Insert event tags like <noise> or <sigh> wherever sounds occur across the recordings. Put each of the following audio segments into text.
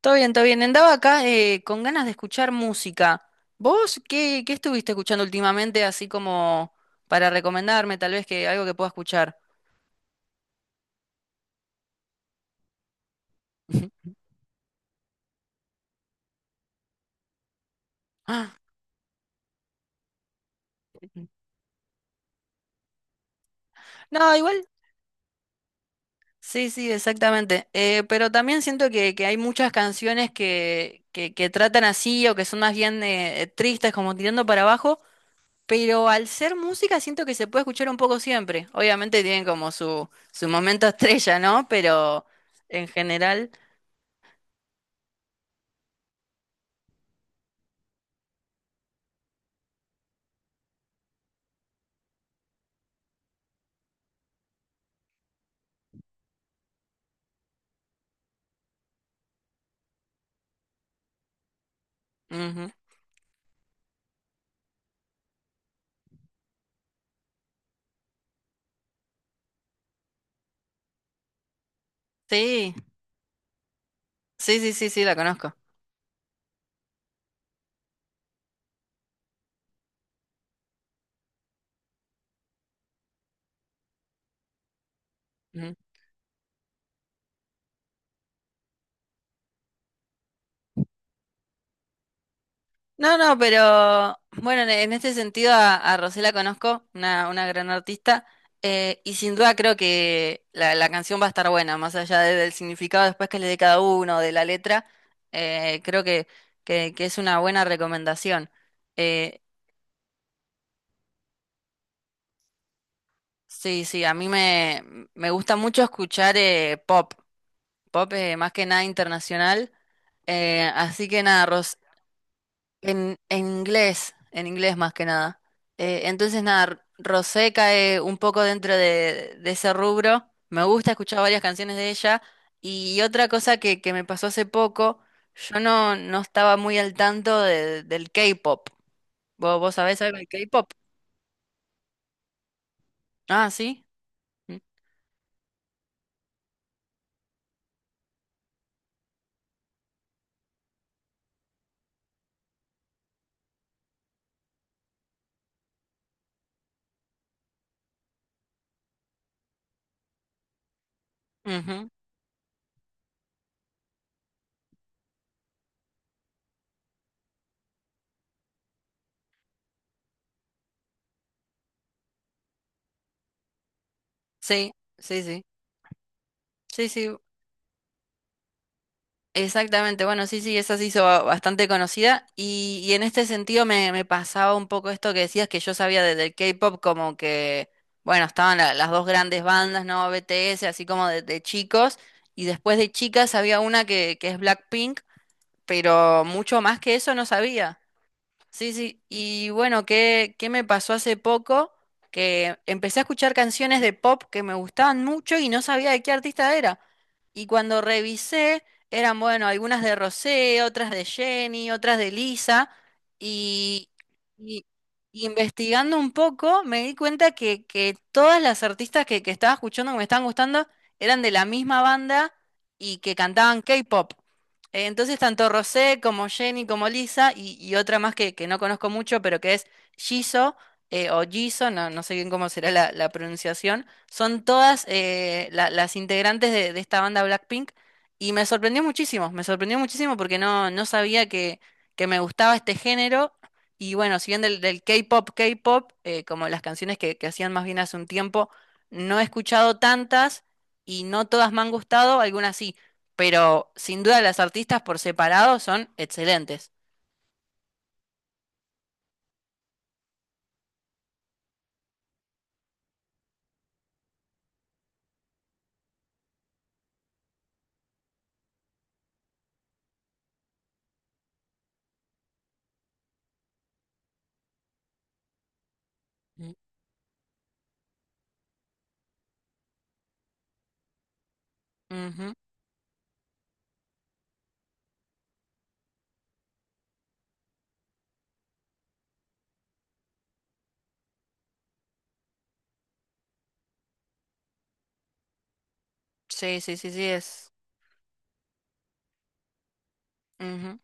Todo bien, todo bien. Andaba acá, con ganas de escuchar música. ¿Vos qué estuviste escuchando últimamente, así como para recomendarme, tal vez que algo que pueda escuchar? <laughs> Ah, no, igual. Sí, sí, exactamente. Pero también siento que hay muchas canciones que tratan así o que son más bien tristes, como tirando para abajo. Pero al ser música siento que se puede escuchar un poco siempre. Obviamente tienen como su momento estrella, ¿no? Pero en general... Ujú. Sí. Sí, sí, sí, sí, la conozco. Ujú. No, no, pero bueno, en este sentido a Rosé la conozco, una gran artista, y sin duda creo que la canción va a estar buena, más allá de- del significado después que le dé cada uno, de la letra. Creo que es una buena recomendación. Eh, sí, sí, a mí me gusta mucho escuchar, pop, pop, más que nada internacional, así que nada, en, en inglés más que nada. Entonces, nada, Rosé cae un poco dentro de ese rubro. Me gusta escuchar varias canciones de ella. Y otra cosa que me pasó hace poco, yo no estaba muy al tanto de- del K-pop. ¿Vos sabés algo del K-pop? Ah, sí. Mm, ujú. Sí, sí, sí. Sí, sí, exactamente, bueno, sí, sí, esa se hizo ba- bastante conocida y en este sentido me pasaba un poco esto que decías, que yo sabía de- del K-pop como que, bueno, estaban la- las dos grandes bandas, ¿no? BTS, así como de chicos, y después de chicas había una que es Blackpink, pero mucho más que eso no sabía. Sí, sí. Y bueno, ¿qué me pasó hace poco? Que empecé a escuchar canciones de pop que me gustaban mucho y no sabía de qué artista era. Y cuando revisé, eran, bueno, algunas de Rosé, otras de Jenny, otras de Lisa. Y, y- y investigando un poco, me di cuenta que todas las artistas que estaba escuchando, que me estaban gustando, eran de la misma banda y que cantaban K-pop. Entonces, tanto Rosé como Jenny como Lisa y otra más que no conozco mucho, pero que es Jisoo, o Jisoo, no sé bien cómo será la pronunciación, son todas, la- las integrantes de esta banda Blackpink, y me sorprendió muchísimo porque no sabía que me gustaba este género. Y bueno, si bien del, del K-pop, K-pop, como las canciones que hacían más bien hace un tiempo, no he escuchado tantas, y no todas me han gustado, algunas sí, pero sin duda las artistas por separado son excelentes. Mm. Ujú. Sí, sí, sí, sí, es. Ujú.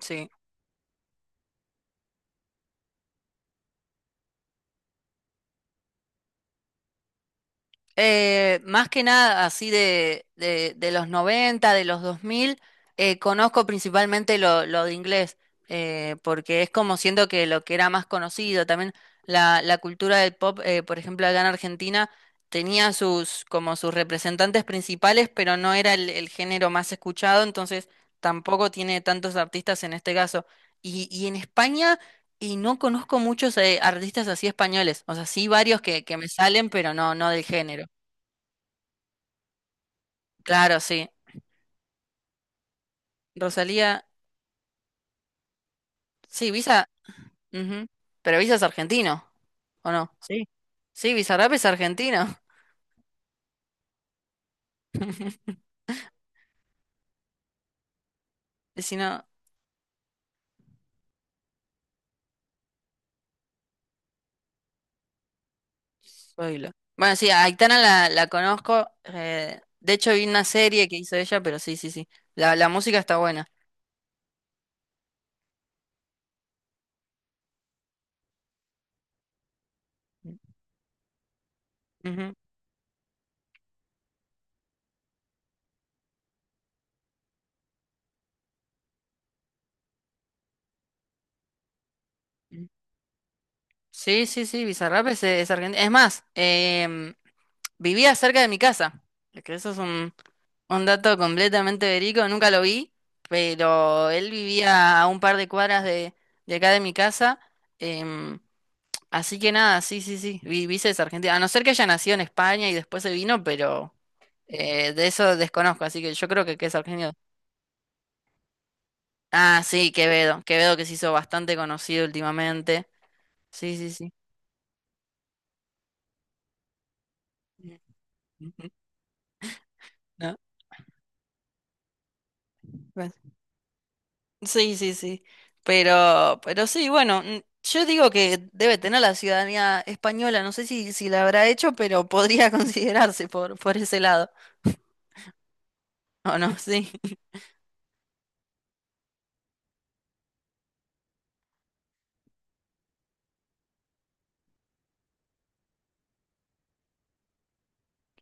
Sí. Más que nada así de los noventa, de los 2000, conozco principalmente lo de inglés, porque es como siento que lo que era más conocido, también la cultura del pop, por ejemplo, acá en Argentina, tenía sus, como sus representantes principales, pero no era el género más escuchado, entonces tampoco tiene tantos artistas en este caso. Y en España, y no conozco muchos, artistas así españoles, o sea, sí varios que me salen, pero no, no del género. Claro, sí. Rosalía, sí, Visa, ujú. Pero Visa es argentino, ¿o no? Sí. Sí, Bizarrap es argentino. <laughs> Y si no, oílo. Bueno, sí, a Aitana la conozco, de hecho, vi una serie que hizo ella, pero sí, sí, sí. La música está buena. Ujú. Sí, sí, sí, Bizarrap es argentino. Es más, vivía cerca de mi casa. Que eso es un dato completamente verico, nunca lo vi, pero él vivía a un par de cuadras de acá de mi casa. em, Así que nada, sí, sí, sí, vi, vi esa Argentina. A no ser que haya nacido en España y después se vino, pero, de eso desconozco, así que yo creo que es argentino. Ah, sí, Quevedo, Quevedo que se hizo bastante conocido últimamente. Sí, sí, sí. <laughs> Ujú. ¿No? Sí, sí, sí. Pero sí, bueno, yo digo que debe tener la ciudadanía española, no sé si, si la habrá hecho, pero podría <laughs> considerarse por ese lado. <laughs> ¿O no? Sí.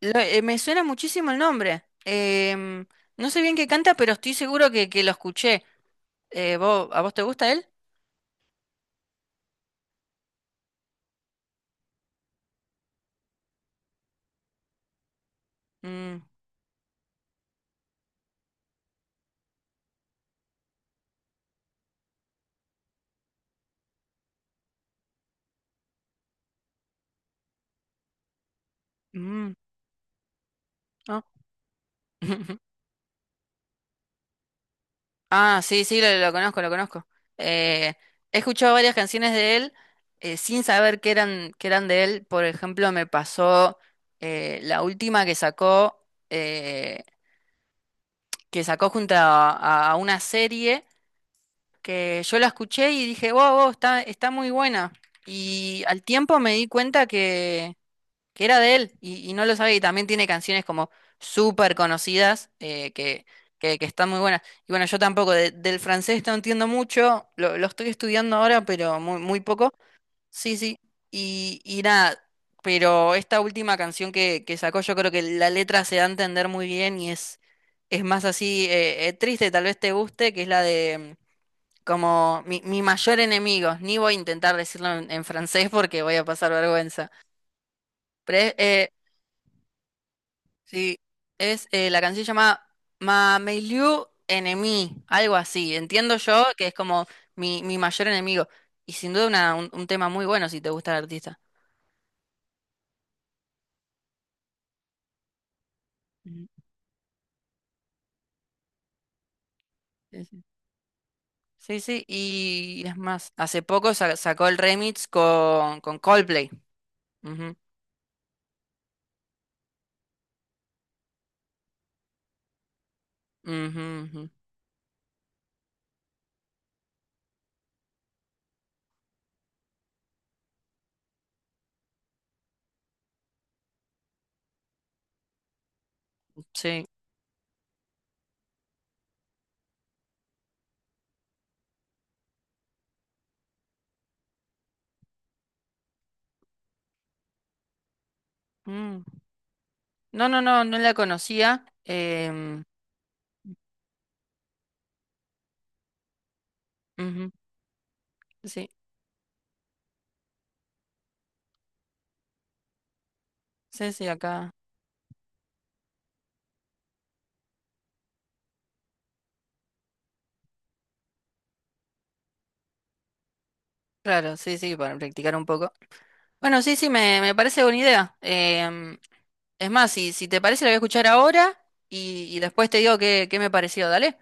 Me suena muchísimo el nombre. No sé bien qué canta, pero estoy seguro que lo escuché. ¿A vos te gusta él? Mm, mm, no. <laughs> Ah, sí, sí, lo conozco, lo conozco. Eh, He escuchado varias canciones de él, sin saber que eran de él. Por ejemplo, me pasó, la última eh, que sacó junto a una serie que yo la escuché y dije, wow, wow, está, está muy buena. Y al tiempo me di cuenta que era de él y no lo sabía. Y también tiene canciones como súper conocidas, que están muy buenas. Y bueno, yo tampoco de- del francés no entiendo mucho, lo estoy estudiando ahora, pero muy, muy poco. Sí, sí. Y nada, pero esta última canción que sacó, yo creo que la letra se da a entender muy bien y es más así, triste, tal vez te guste, que es la de. Como mi mayor enemigo, ni voy a intentar decirlo en francés porque voy a pasar vergüenza. Pero sí, es, la canción se llama Mameiliu Enemy, algo así. Entiendo yo que es como mi mayor enemigo. Y sin duda una- un tema muy bueno si te gusta el artista. Ujú. Sí, sí. Sí, sí, y es más, hace poco sa- sacó el remix con Coldplay. Ujú, ujú, ujú. Sí. Mm. No, no, no, no la conocía. Ujú. Sí, sí, sí, acá. Claro, sí, sí, para practicar un poco. Bueno, sí, sí, me parece buena idea. Es más, si, si te parece, la voy a escuchar ahora y después te digo qué, qué me pareció, dale.